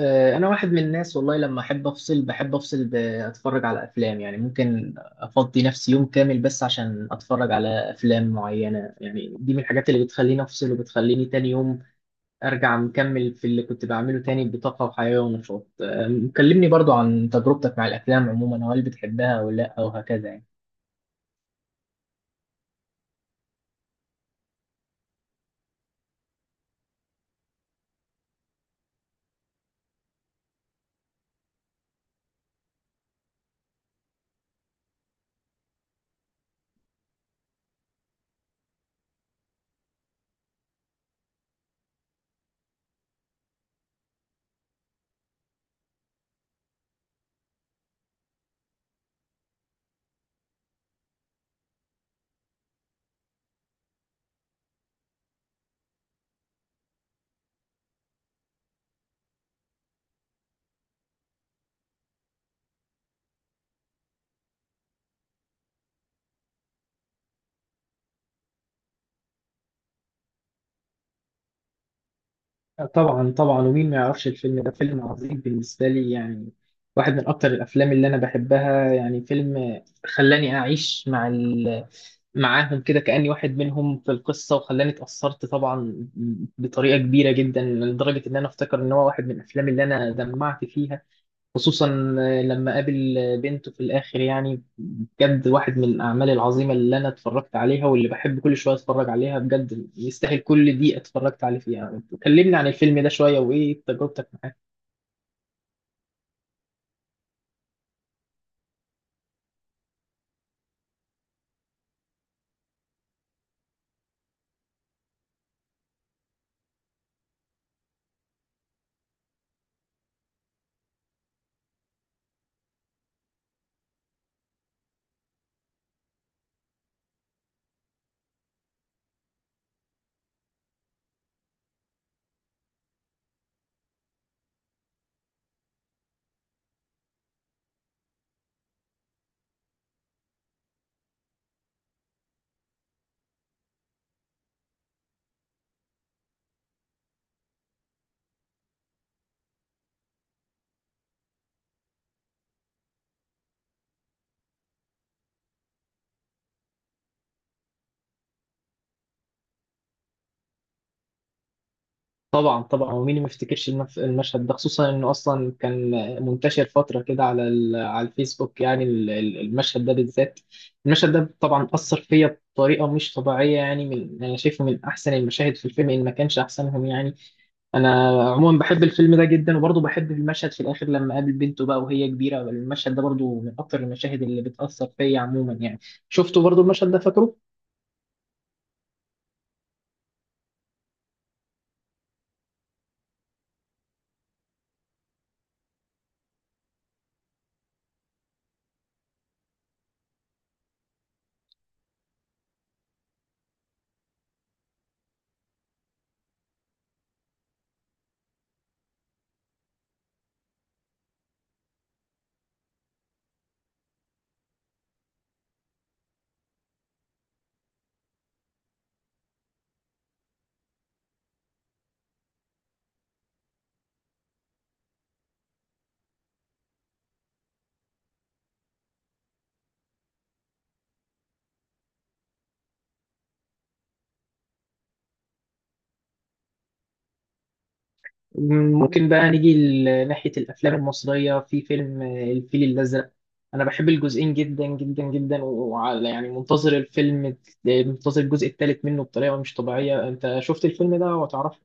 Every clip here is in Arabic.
انا واحد من الناس، والله لما احب افصل بحب افصل باتفرج على افلام، يعني ممكن افضي نفسي يوم كامل بس عشان اتفرج على افلام معينة. يعني دي من الحاجات اللي بتخليني افصل وبتخليني تاني يوم ارجع مكمل في اللي كنت بعمله تاني بطاقة وحيوية ونشاط. كلمني برضو عن تجربتك مع الافلام عموما، وهل بتحبها ولا لا وهكذا يعني. طبعا طبعا، ومين ما يعرفش الفيلم ده؟ فيلم عظيم بالنسبة لي يعني، واحد من أكتر الأفلام اللي أنا بحبها، يعني فيلم خلاني أعيش مع معاهم كده كأني واحد منهم في القصة، وخلاني اتأثرت طبعا بطريقة كبيرة جدا، لدرجة إن أنا أفتكر إن هو واحد من الأفلام اللي أنا دمعت فيها، خصوصا لما قابل بنته في الآخر. يعني بجد واحد من الأعمال العظيمة اللي أنا اتفرجت عليها، واللي بحب كل شوية أتفرج عليها، بجد يستاهل كل دقيقة اتفرجت عليه فيها. كلمني عن الفيلم ده شوية، وإيه تجربتك معاه؟ طبعا طبعا، ومين ما يفتكرش المشهد ده، خصوصا إنه أصلا كان منتشر فترة كده على على الفيسبوك، يعني المشهد ده بالذات. المشهد ده طبعا أثر فيا بطريقة مش طبيعية، يعني من أنا شايفه من أحسن المشاهد في الفيلم، إن ما كانش أحسنهم يعني. انا عموما بحب الفيلم ده جدا، وبرضه بحب المشهد في الاخر لما قابل بنته بقى وهي كبيره. المشهد ده برضه من اكتر المشاهد اللي بتاثر فيا عموما يعني. شفته برضه المشهد ده، فاكره؟ ممكن بقى نيجي لناحيه الافلام المصريه، في فيلم الفيل الازرق. انا بحب الجزئين جدا جدا جدا، وعلى يعني منتظر الفيلم، منتظر الجزء الثالث منه بطريقه مش طبيعيه. انت شفت الفيلم ده وتعرفه؟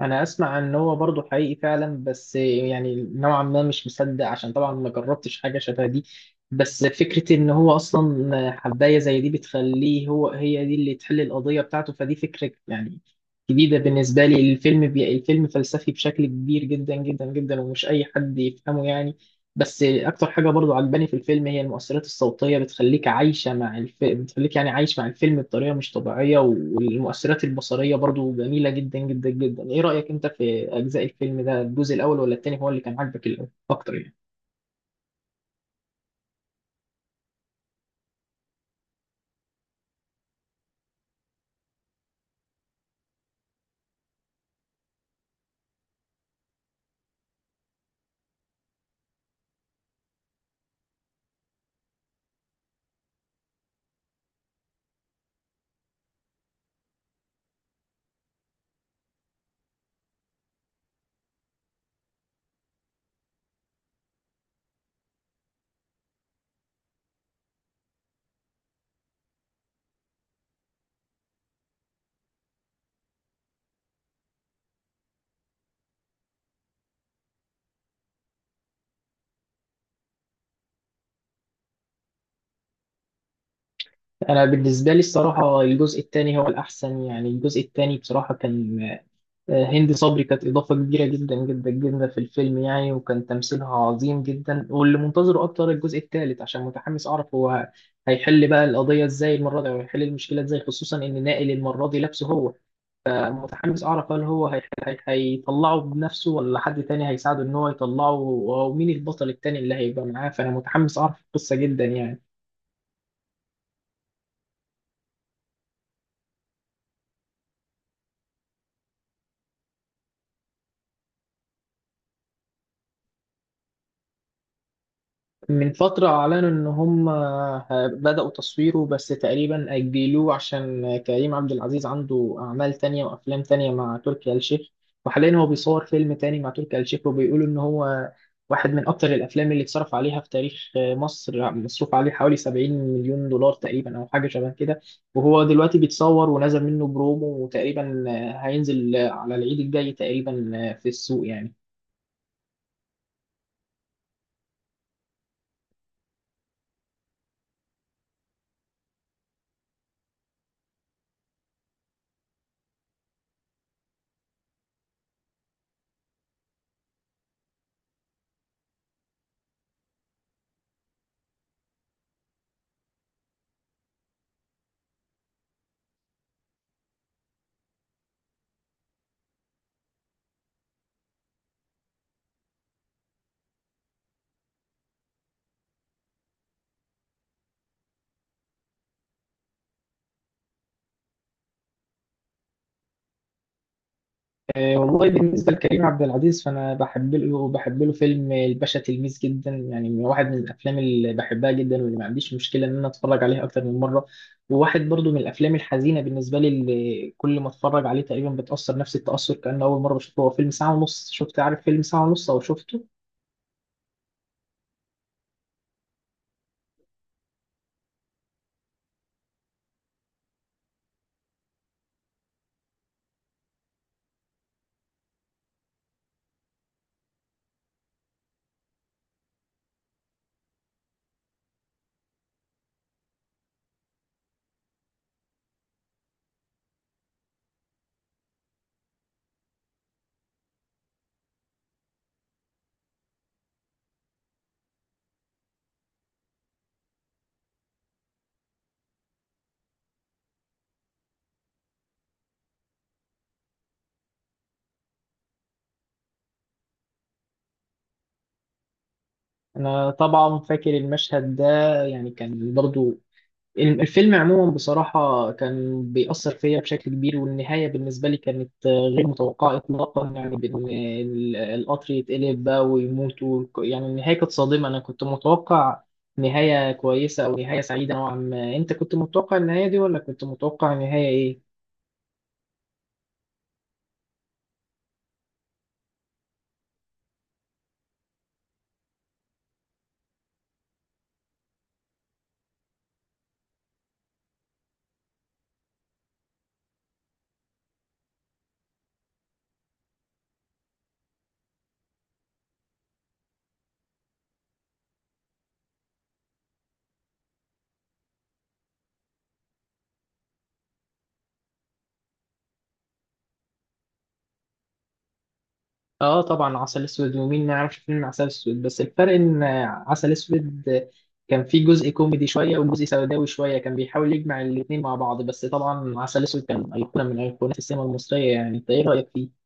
انا اسمع ان هو برضه حقيقي فعلا، بس يعني نوعا ما مش مصدق، عشان طبعا ما جربتش حاجه شبه دي. بس فكره ان هو اصلا حبايه زي دي بتخليه هو، هي دي اللي تحل القضيه بتاعته، فدي فكره يعني جديده بالنسبه لي. الفيلم الفيلم فلسفي بشكل كبير جدا جدا جدا، ومش اي حد يفهمه يعني. بس اكتر حاجه برضو عجباني في الفيلم هي المؤثرات الصوتيه، بتخليك عايشه مع الفيلم، بتخليك يعني عايش مع الفيلم بطريقه مش طبيعيه، والمؤثرات البصريه برضو جميله جدا جدا جدا. ايه رايك انت في اجزاء الفيلم ده؟ الجزء الاول ولا التاني هو اللي كان عاجبك اكتر يعني؟ انا بالنسبه لي الصراحه الجزء التاني هو الاحسن، يعني الجزء التاني بصراحه كان، هند صبري كانت إضافة كبيرة جدا جدا جدا في الفيلم يعني، وكان تمثيلها عظيم جدا، واللي منتظره أكتر الجزء الثالث عشان متحمس أعرف هو هيحل بقى القضية إزاي المرة دي، وهيحل المشكلة إزاي، خصوصا إن نائل المرة دي لابسه هو. متحمس أعرف هل هو هيطلعه بنفسه ولا حد تاني هيساعده إن هو يطلعه، ومين البطل التاني اللي هيبقى معاه، فأنا متحمس أعرف القصة جدا يعني. من فترة أعلنوا إن هم بدأوا تصويره، بس تقريبا أجلوه عشان كريم عبد العزيز عنده أعمال تانية وأفلام تانية مع تركي آل الشيخ، وحاليا هو بيصور فيلم تاني مع تركي آل الشيخ، وبيقولوا إن هو واحد من أكتر الأفلام اللي اتصرف عليها في تاريخ مصر، مصروف عليه حوالي 70 مليون دولار تقريبا أو حاجة شبه كده. وهو دلوقتي بيتصور ونزل منه برومو، وتقريبا هينزل على العيد الجاي تقريبا في السوق يعني. والله بالنسبة لكريم عبد العزيز فأنا بحب له فيلم الباشا تلميذ جدا يعني، من واحد من الأفلام اللي بحبها جدا، واللي ما عنديش مشكلة إن أنا أتفرج عليها أكتر من مرة. وواحد برضو من الأفلام الحزينة بالنسبة لي، اللي كل ما أتفرج عليه تقريبا بتأثر نفس التأثر كأنه أول مرة بشوفه، هو فيلم ساعة ونص. شفت عارف فيلم ساعة ونص أو شفته؟ أنا طبعا فاكر المشهد ده، يعني كان برضو الفيلم عموما بصراحة كان بيأثر فيا بشكل كبير، والنهاية بالنسبة لي كانت غير متوقعة إطلاقا، يعني بإن القطر يتقلب بقى ويموت يعني النهاية كانت صادمة. أنا كنت متوقع نهاية كويسة أو نهاية سعيدة نوعا ما. أنت كنت متوقع النهاية دي، ولا كنت متوقع نهاية إيه؟ اه طبعا عسل اسود، ومين ما يعرفش فيلم عسل اسود، بس الفرق ان عسل اسود كان فيه جزء كوميدي شويه وجزء سوداوي شويه، كان بيحاول يجمع الاتنين مع بعض. بس طبعا عسل اسود كان ايقونه من ايقونات السينما المصريه يعني، انت ايه رايك فيه؟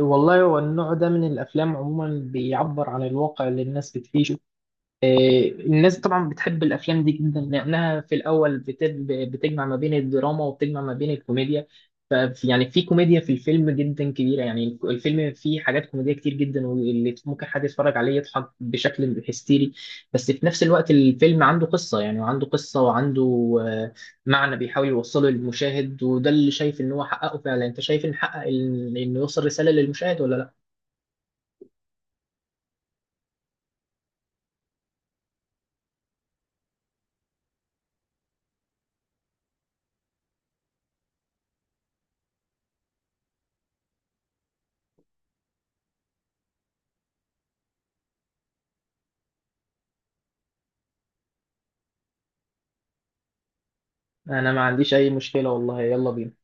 والله هو النوع ده من الافلام عموما بيعبر عن الواقع اللي الناس بتعيشه. آه، الناس طبعا بتحب الافلام دي جدا، لانها في الاول بتجمع ما بين الدراما وبتجمع ما بين الكوميديا، ف يعني في كوميديا في الفيلم جدا كبيره يعني، الفيلم فيه حاجات كوميديه كتير جدا، واللي ممكن حد يتفرج عليه يضحك بشكل هستيري. بس في نفس الوقت الفيلم عنده قصه يعني، وعنده قصه وعنده آه، معنى بيحاول يوصله للمشاهد، وده اللي شايف ان هو حققه فعلا. انت شايف ان حقق انه يوصل رساله للمشاهد ولا لا؟ انا ما عنديش اي مشكله والله، يلا بينا.